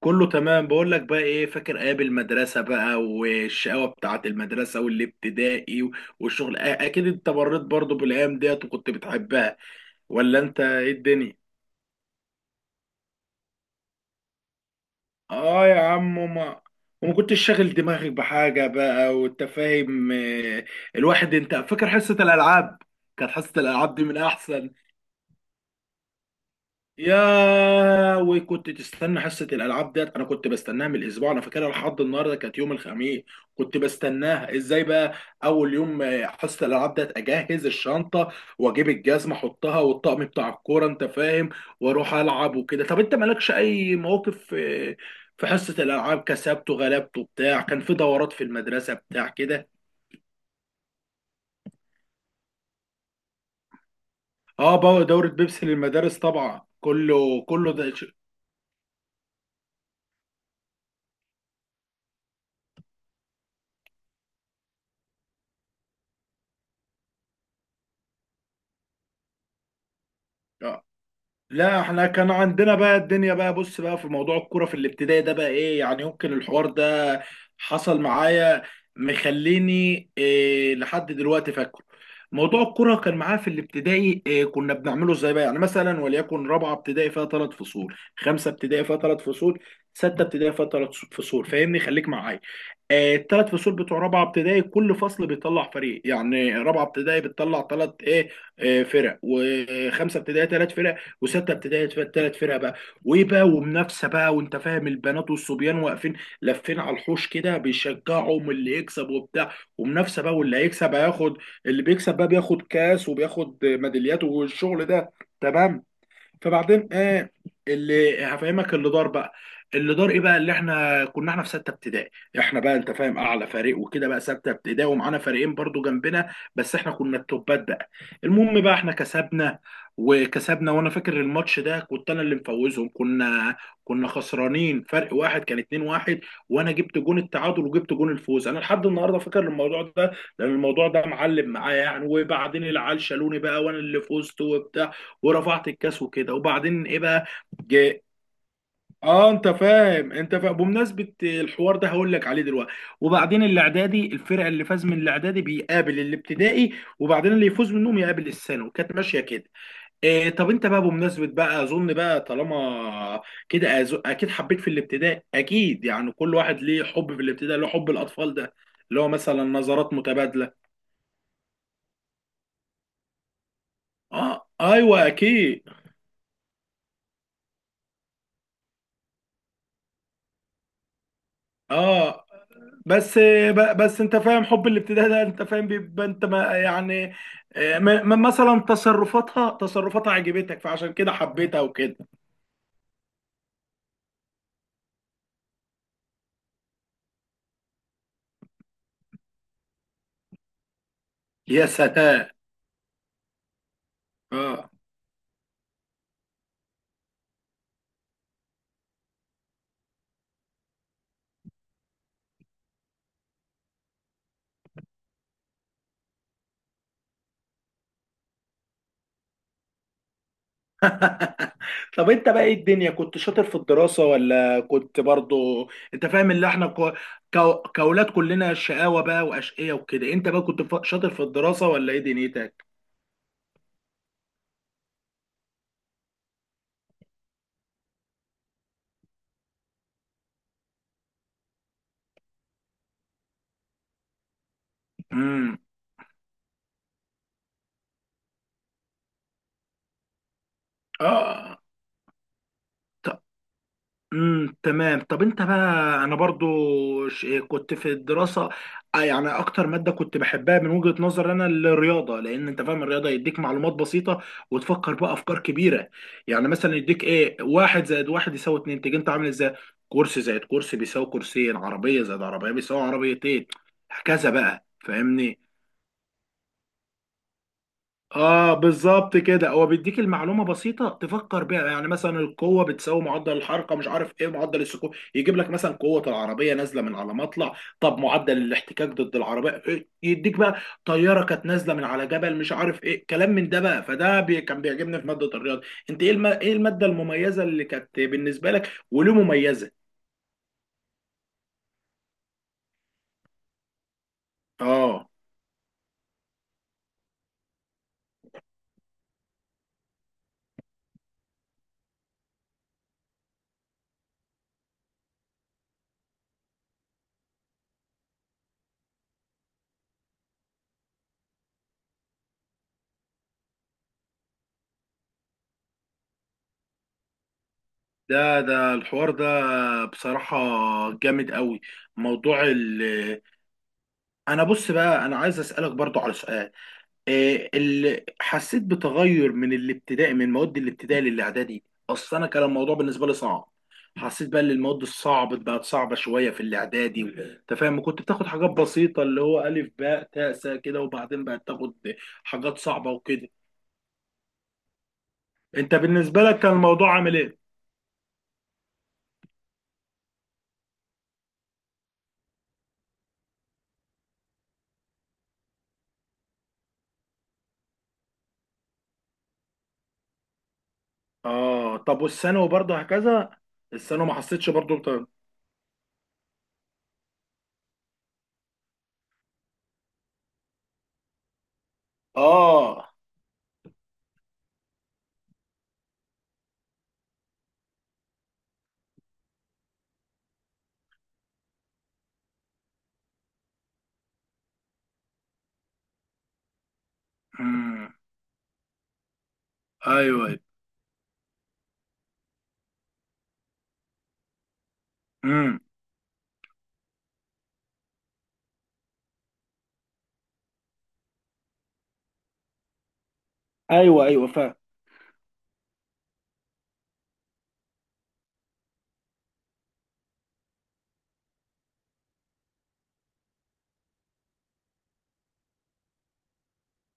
كله تمام، بقول لك بقى ايه، فاكر ايام المدرسه بقى والشقاوه بتاعه المدرسه والابتدائي والشغل؟ اكيد انت مريت برضو بالايام ديت وكنت بتحبها، ولا انت ايه الدنيا؟ اه يا عم، ما وما كنتش شاغل دماغك بحاجه بقى وانت فاهم. الواحد انت فاكر حصه الالعاب، كانت حصه الالعاب دي من احسن. وكنت تستنى حصة الألعاب ديت، أنا كنت بستناها من الأسبوع، أنا فاكرها لحد النهاردة كانت يوم الخميس، كنت بستناها إزاي بقى. أول يوم حصة الألعاب ديت أجهز الشنطة وأجيب الجزمة أحطها والطقم بتاع الكورة، أنت فاهم، وأروح ألعب وكده. طب أنت مالكش أي مواقف في حصة الألعاب، كسبته غلبته بتاع، كان في دورات في المدرسة بتاع كده؟ أه بقى، دورة بيبسي للمدارس طبعا، كله كله. ده لا، احنا كان عندنا بقى الدنيا بقى، بص بقى في موضوع الكوره في الابتدائي ده بقى ايه يعني، يمكن الحوار ده حصل معايا مخليني إيه لحد دلوقتي فاكره. موضوع الكوره كان معايا في الابتدائي، إيه كنا بنعمله ازاي بقى؟ يعني مثلا وليكن رابعه ابتدائي فيها ثلاث فصول، خمسه ابتدائي فيها ثلاث فصول، سته ابتدائي فيها ثلاث فصول، فاهمني؟ خليك معايا. الثلاث فصول بتوع رابعه ابتدائي كل فصل بيطلع فريق، يعني رابعه ابتدائي بتطلع ثلاث ايه آه، فرق، وخمسه ابتدائي ثلاث فرق، وسته ابتدائي ثلاث فرق بقى. وايه بقى، ومنافسه بقى، وانت فاهم البنات والصبيان واقفين لافين على الحوش كده بيشجعهم، اللي يكسب وبتاع، ومنافسه بقى واللي هيكسب هياخد. اللي بيكسب بقى بياخد كاس وبياخد ميداليات والشغل ده، تمام. فبعدين ايه اللي هفهمك، اللي دار بقى. اللي دار ايه بقى، اللي احنا كنا احنا في سته ابتدائي، احنا بقى انت فاهم اعلى فريق وكده بقى، سته ابتدائي ومعانا فريقين برضو جنبنا، بس احنا كنا التوبات بقى. المهم بقى، احنا كسبنا وكسبنا. وانا فاكر الماتش ده كنت انا اللي مفوزهم، كنا خسرانين فرق واحد، كان 2 واحد، وانا جبت جون التعادل وجبت جون الفوز، انا لحد النهارده فاكر الموضوع ده لان الموضوع ده معلم معايا يعني. وبعدين العيال شالوني بقى، وانا اللي فزت وبتاع، ورفعت الكاس وكده. وبعدين ايه بقى؟ جاء اه انت فاهم، انت فاهم بمناسبه الحوار ده هقول لك عليه دلوقتي. وبعدين الاعدادي الفرقه اللي فاز من الاعدادي بيقابل الابتدائي، وبعدين اللي يفوز منهم يقابل الثانوي، كانت ماشيه كده. إيه، طب انت بقى بمناسبه بقى، اظن بقى طالما كده اكيد حبيت في الابتدائي، اكيد يعني كل واحد ليه حب في الابتدائي، له حب الاطفال ده اللي هو مثلا نظرات متبادله. اه، ايوه اكيد. اه، بس بس انت فاهم حب الابتداء ده انت فاهم بيبقى انت ما يعني، مثلا تصرفاتها عجبتك فعشان كده حبيتها وكده. يا سلام! اه. طب انت بقى ايه الدنيا، كنت شاطر في الدراسة ولا كنت برضو انت فاهم اللي احنا كأولاد كلنا شقاوة بقى وأشقية وكده، انت بقى كنت شاطر في الدراسة ولا ايه دنيتك؟ امم اه. تمام. طب انت بقى، انا برضو كنت في الدراسه يعني اكتر ماده كنت بحبها من وجهه نظر انا الرياضه، لان انت فاهم الرياضه يديك معلومات بسيطه وتفكر بقى افكار كبيره. يعني مثلا يديك ايه، واحد زائد واحد يساوي اتنين، تيجي انت عامل ازاي؟ كرسي زائد كرسي بيساوي كرسيين، عربيه زائد عربيه بيساوي عربيتين، هكذا بقى، فاهمني؟ اه بالظبط كده، هو بيديك المعلومه بسيطه تفكر بيها، يعني مثلا القوه بتساوي معدل الحركه، مش عارف ايه معدل السكون، يجيب لك مثلا قوه العربيه نازله من على مطلع، طب معدل الاحتكاك ضد العربيه إيه؟ يديك بقى طياره كانت نازله من على جبل، مش عارف ايه، كلام من ده بقى، فده بي كان بيعجبني في ماده الرياضه. انت ايه الماده المميزه اللي كانت بالنسبه لك، وليه مميزه؟ اه ده الحوار ده بصراحة جامد قوي موضوع. انا بص بقى، انا عايز اسالك برضو على سؤال، إيه اللي حسيت بتغير من الابتدائي، من مواد الابتدائي للاعدادي؟ اصل انا كان الموضوع بالنسبه لي صعب، حسيت بقى ان المواد الصعبه بقت صعبه شويه في الاعدادي، انت فاهم؟ كنت بتاخد حاجات بسيطه اللي هو الف باء تاء سا كده، وبعدين بقت تاخد حاجات صعبه وكده. انت بالنسبه لك كان الموضوع عامل ايه؟ اه، طب والثانوي برضه هكذا؟ الثانوي ما حسيتش برضه اه. امم ايوه، ايوه. امم ايوه، ايوه، فاهم.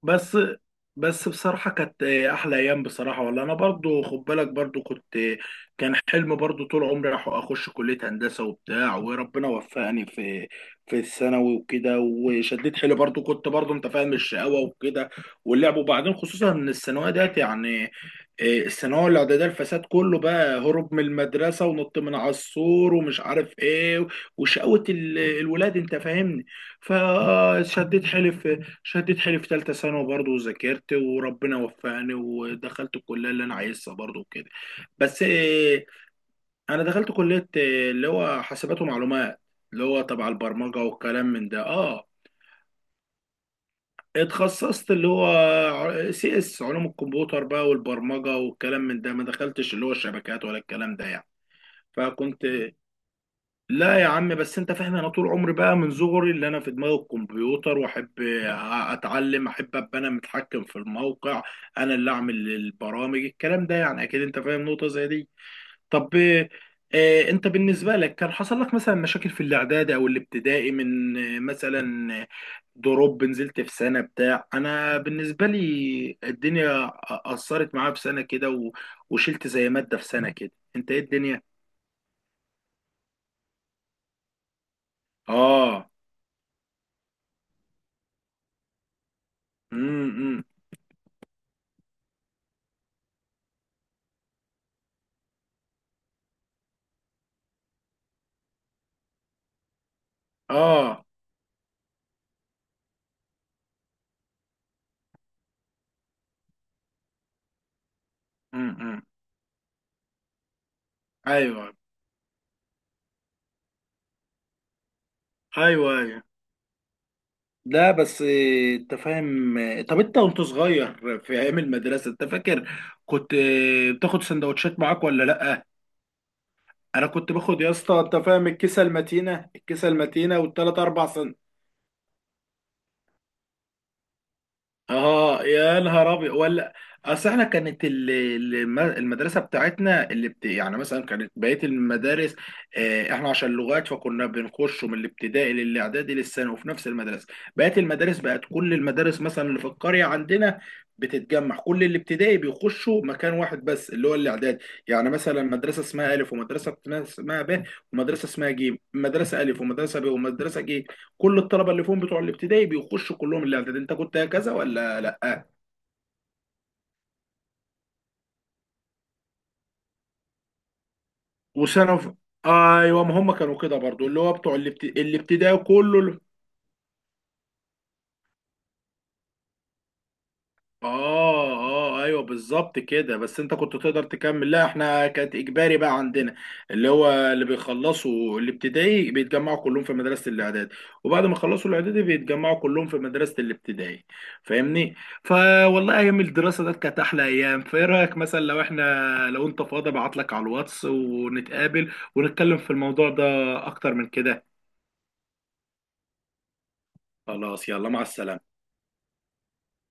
بس، بس بصراحة كانت أحلى أيام بصراحة والله. أنا برضو خد بالك برضو كنت، كان حلم برضو طول عمري أخش كلية هندسة وبتاع، وربنا وفقني في في الثانوي وكده، وشديت حيلي برضو كنت برضو أنت فاهم الشقاوة وكده واللعب. وبعدين خصوصا إن الثانوية ديت يعني إيه، الثانوية الإعدادية الفساد كله بقى، هروب من المدرسة ونط من على السور ومش عارف إيه وشقاوة الولاد أنت فاهمني. فشديت حيلي في، شدت حيلي في ثالثة ثانوي برضه وذاكرت، وربنا وفقني ودخلت الكلية اللي أنا عايزها برضه وكده. بس إيه، أنا دخلت كلية إيه، اللي هو حاسبات ومعلومات، اللي هو تبع البرمجة والكلام من ده، أه. اتخصصت اللي هو سي اس، علوم الكمبيوتر بقى والبرمجة والكلام من ده، ما دخلتش اللي هو الشبكات ولا الكلام ده يعني. فكنت، لا يا عم، بس انت فاهم انا طول عمري بقى من صغري اللي انا في دماغي الكمبيوتر، واحب اتعلم، احب ابقى انا متحكم في الموقع، انا اللي اعمل البرامج الكلام ده يعني، اكيد انت فاهم نقطة زي دي. طب اه، انت بالنسبة لك كان حصل لك مثلا مشاكل في الاعدادي او الابتدائي من مثلا دروب نزلت في سنة بتاع؟ انا بالنسبة لي الدنيا اثرت معايا في سنة كده وشلت زي مادة في سنة كده، انت ايه الدنيا؟ اه. إمم. اه. امم ايوه، ايوه، ايوه. لا بس انت فاهم طب انت وانت صغير في ايام المدرسه انت فاكر كنت بتاخد سندوتشات معاك ولا لا؟ انا كنت باخد يا اسطى انت فاهم الكيسه المتينه، الكيسه المتينه، اه يا نهار ابيض ولا. اصل احنا كانت المدرسه بتاعتنا يعني مثلا كانت بقيه المدارس احنا عشان لغات، فكنا بنخش من الابتدائي للاعدادي للثانوي وفي نفس المدرسه، بقيه المدارس بقت كل المدارس مثلا اللي في القريه عندنا بتتجمع كل الابتدائي بيخشوا مكان واحد بس اللي هو الاعدادي. يعني مثلا مدرسه اسمها الف، ومدرسه اسمها ب، ومدرسه اسمها ج، مدرسه الف ومدرسه ب ومدرسه ج، كل الطلبه اللي فيهم بتوع الابتدائي بيخشوا كلهم الاعدادي. انت كنت كذا ولا لا؟ وثانوي؟ ايوه، ما هم كانوا كده برضو، اللي هو بتوع الابتدائي كله. اه. اه ايوه بالظبط كده، بس انت كنت تقدر تكمل، لا احنا كانت اجباري بقى عندنا، اللي هو اللي بيخلصوا الابتدائي بيتجمعوا كلهم في مدرسه الاعداد، وبعد ما يخلصوا الاعدادي بيتجمعوا كلهم في مدرسه الابتدائي، فاهمني؟ فوالله ايام الدراسه ده كانت احلى ايام. فايه رايك مثلا لو احنا، لو انت فاضي ابعت لك على الواتس ونتقابل ونتكلم في الموضوع ده اكتر من كده؟ خلاص يلا، مع السلامه.